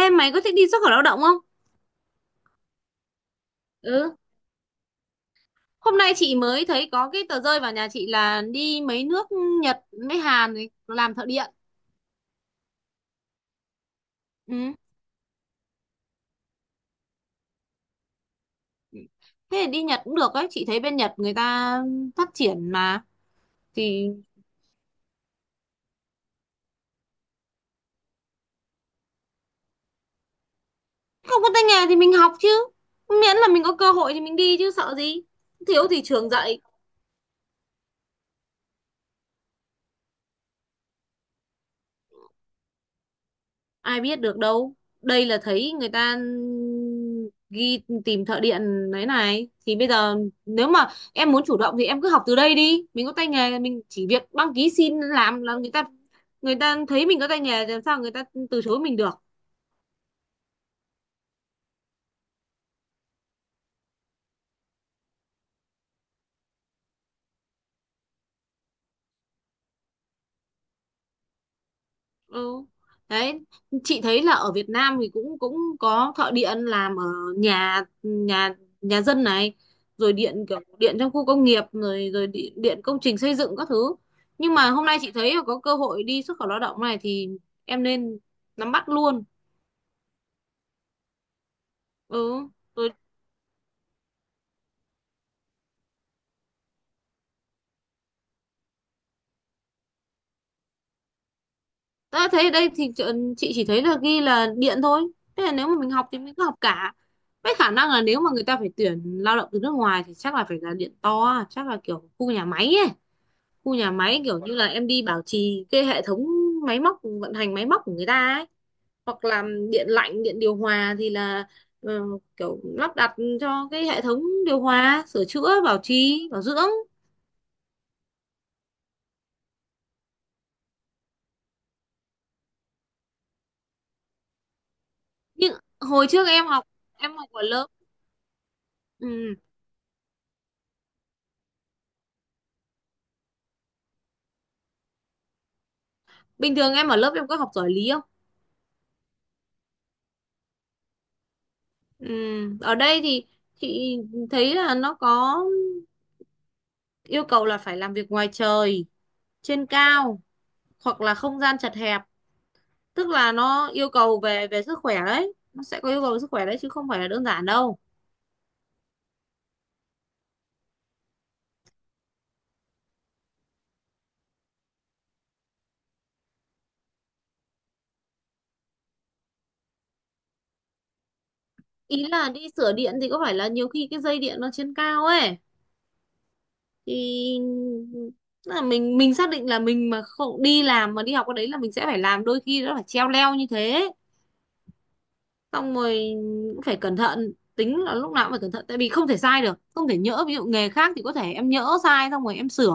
Ê, mày có thích đi xuất khẩu lao động không? Ừ. Hôm nay chị mới thấy có cái tờ rơi vào nhà chị là đi mấy nước Nhật với Hàn này, làm thợ điện. Ừ. Thế thì đi Nhật cũng được ấy. Chị thấy bên Nhật người ta phát triển mà. Thì không có tay nghề thì mình học chứ. Miễn là mình có cơ hội thì mình đi chứ sợ gì. Thiếu thì trường dạy. Ai biết được đâu, đây là thấy người ta ghi tìm thợ điện đấy này. Thì bây giờ nếu mà em muốn chủ động thì em cứ học từ đây đi, mình có tay nghề mình chỉ việc đăng ký xin làm là người ta thấy mình có tay nghề, làm sao người ta từ chối mình được. Ừ. Đấy, chị thấy là ở Việt Nam thì cũng cũng có thợ điện làm ở nhà nhà nhà dân này, rồi điện kiểu điện trong khu công nghiệp rồi rồi điện, điện công trình xây dựng các thứ. Nhưng mà hôm nay chị thấy là có cơ hội đi xuất khẩu lao động này thì em nên nắm bắt luôn. Ừ. Rồi ta thấy ở đây thì chị chỉ thấy là ghi là điện thôi. Thế là nếu mà mình học thì mình cứ học cả. Với khả năng là nếu mà người ta phải tuyển lao động từ nước ngoài thì chắc là phải là điện to, chắc là kiểu khu nhà máy ấy. Khu nhà máy kiểu như là em đi bảo trì cái hệ thống máy móc, vận hành máy móc của người ta ấy, hoặc là điện lạnh điện điều hòa thì là ờ, kiểu lắp đặt cho cái hệ thống điều hòa, sửa chữa bảo trì bảo dưỡng. Nhưng hồi trước em học, em học ở lớp. Ừ. Bình thường em ở lớp em có học giỏi lý không? Ừ. Ở đây thì chị thấy là nó có yêu cầu là phải làm việc ngoài trời, trên cao hoặc là không gian chật hẹp. Tức là nó yêu cầu về về sức khỏe đấy, nó sẽ có yêu cầu về sức khỏe đấy chứ không phải là đơn giản đâu. Ý là đi sửa điện thì có phải là nhiều khi cái dây điện nó trên cao ấy, thì tức là mình xác định là mình mà không đi làm mà đi học cái đấy là mình sẽ phải làm, đôi khi nó phải treo leo như thế. Xong rồi cũng phải cẩn thận, tính là lúc nào cũng phải cẩn thận, tại vì không thể sai được, không thể nhỡ. Ví dụ nghề khác thì có thể em nhỡ sai xong rồi em sửa,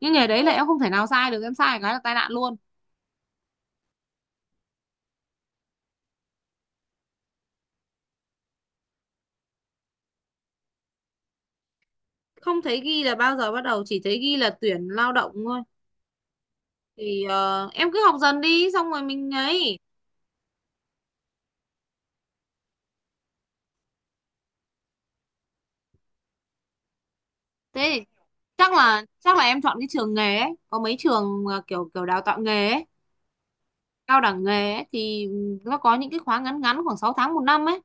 nhưng nghề đấy là em không thể nào sai được, em sai cái là tai nạn luôn. Không thấy ghi là bao giờ bắt đầu, chỉ thấy ghi là tuyển lao động thôi. Thì em cứ học dần đi xong rồi mình ấy. Thế thì chắc là em chọn cái trường nghề ấy, có mấy trường mà kiểu kiểu đào tạo nghề ấy, cao đẳng nghề ấy, thì nó có những cái khóa ngắn ngắn khoảng 6 tháng 1 năm ấy.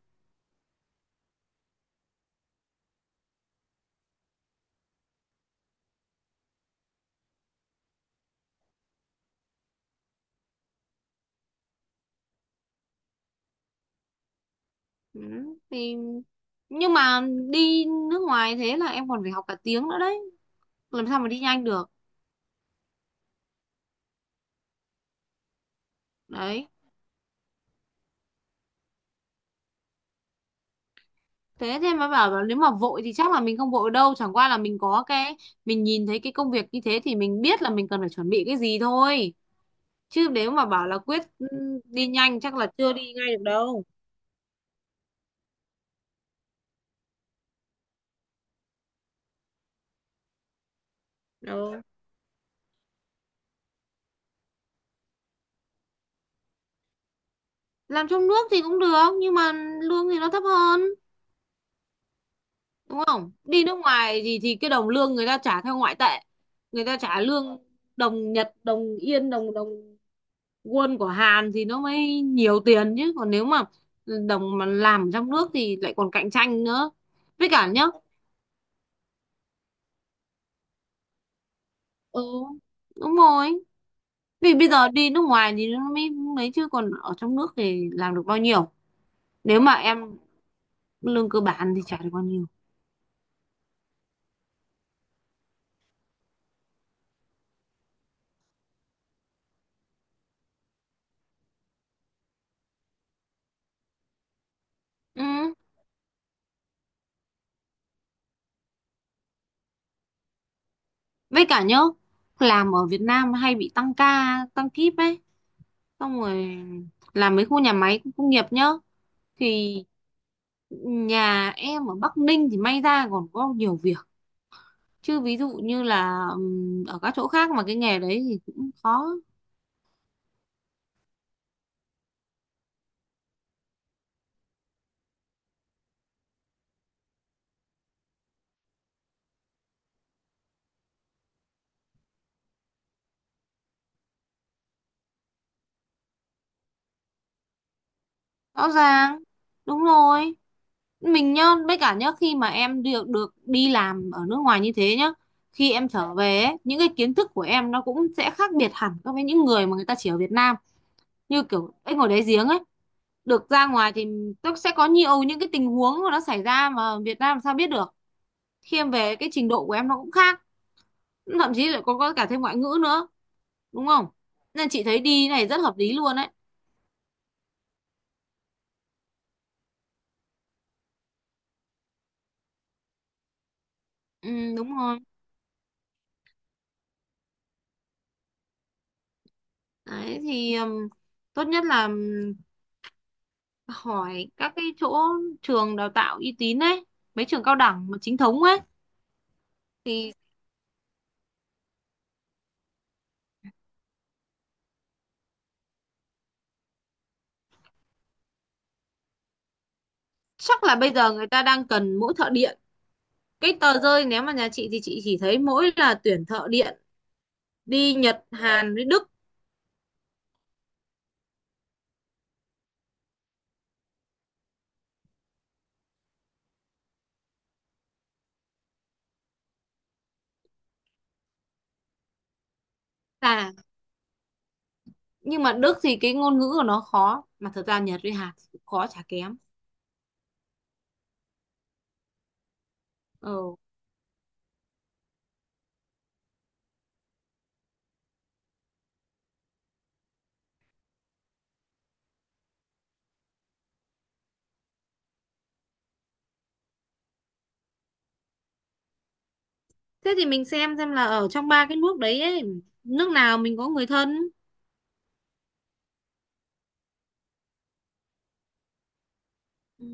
Ừ, thì nhưng mà đi nước ngoài thế là em còn phải học cả tiếng nữa đấy, làm sao mà đi nhanh được. Đấy, thế thì mà bảo là nếu mà vội thì chắc là mình không vội đâu, chẳng qua là mình có cái, mình nhìn thấy cái công việc như thế thì mình biết là mình cần phải chuẩn bị cái gì thôi, chứ nếu mà bảo là quyết đi nhanh chắc là chưa đi ngay được đâu. Đâu, làm trong nước thì cũng được nhưng mà lương thì nó thấp hơn, đúng không? Đi nước ngoài thì cái đồng lương người ta trả theo ngoại tệ, người ta trả lương đồng Nhật, đồng Yên, đồng đồng won của Hàn thì nó mới nhiều tiền. Chứ còn nếu mà đồng mà làm trong nước thì lại còn cạnh tranh nữa. Với cả nhá, ừ, đúng rồi, vì bây giờ đi nước ngoài thì nó mới lấy, chứ còn ở trong nước thì làm được bao nhiêu. Nếu mà em lương cơ bản thì chả được bao nhiêu. Ừ, với cả nhá, làm ở Việt Nam hay bị tăng ca tăng kíp ấy, xong rồi làm mấy khu nhà máy công nghiệp nhá, thì nhà em ở Bắc Ninh thì may ra còn có nhiều việc. Chứ ví dụ như là ở các chỗ khác mà cái nghề đấy thì cũng khó. Rõ ràng, đúng rồi, mình nhá. Với cả nhá, khi mà em được được đi làm ở nước ngoài như thế nhá, khi em trở về ấy, những cái kiến thức của em nó cũng sẽ khác biệt hẳn so với những người mà người ta chỉ ở Việt Nam, như kiểu anh ngồi đáy giếng ấy. Được ra ngoài thì nó sẽ có nhiều những cái tình huống mà nó xảy ra mà Việt Nam làm sao biết được. Khi em về cái trình độ của em nó cũng khác, thậm chí lại có cả thêm ngoại ngữ nữa, đúng không? Nên chị thấy đi này rất hợp lý luôn đấy. Ừ, đúng rồi. Đấy thì tốt nhất là hỏi các cái chỗ trường đào tạo uy tín ấy, mấy trường cao đẳng mà chính thống ấy. Thì chắc là bây giờ người ta đang cần mỗi thợ điện, cái tờ rơi nếu mà nhà chị thì chị chỉ thấy mỗi là tuyển thợ điện đi Nhật Hàn với Đức. Là nhưng mà Đức thì cái ngôn ngữ của nó khó, mà thật ra Nhật với Hàn thì cũng khó chả kém. Ừ, thế thì mình xem là ở trong ba cái nước đấy ấy, nước nào mình có người thân. Ừ.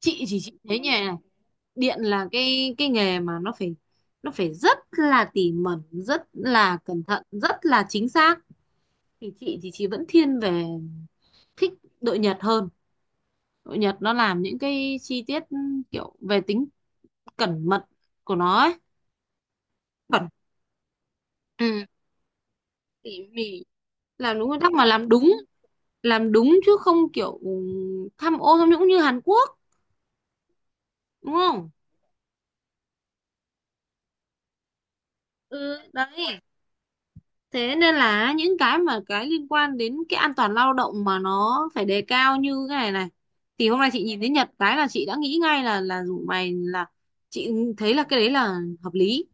Chị chỉ chị thấy nhỉ, điện là cái nghề mà nó phải rất là tỉ mẩn, rất là cẩn thận, rất là chính xác. Thì chị thì chị vẫn thiên về, thích đội Nhật hơn. Đội Nhật nó làm những cái chi tiết, kiểu về tính cẩn mật của nó ấy. Cẩn, ừ, tỉ mỉ, làm đúng nguyên tắc, mà làm đúng, làm đúng chứ không kiểu tham ô tham nhũng như Hàn Quốc, đúng không? Ừ, đấy. Thế nên là những cái mà cái liên quan đến cái an toàn lao động mà nó phải đề cao như cái này này. Thì hôm nay chị nhìn thấy Nhật cái là chị đã nghĩ ngay là rủ mày, là chị thấy là cái đấy là hợp lý.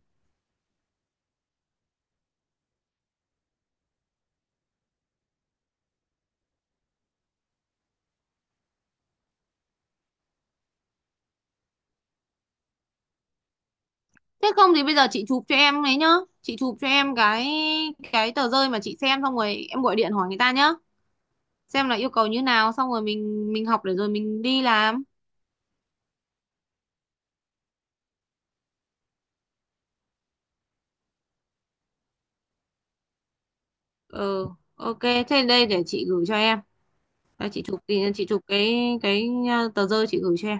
Thế không thì bây giờ chị chụp cho em ấy nhá. Chị chụp cho em cái tờ rơi mà chị xem xong rồi em gọi điện hỏi người ta nhá. Xem là yêu cầu như nào xong rồi mình học để rồi mình đi làm. Ừ, ok. Thế đây để chị gửi cho em. Đây, chị chụp thì chị chụp cái tờ rơi chị gửi cho em.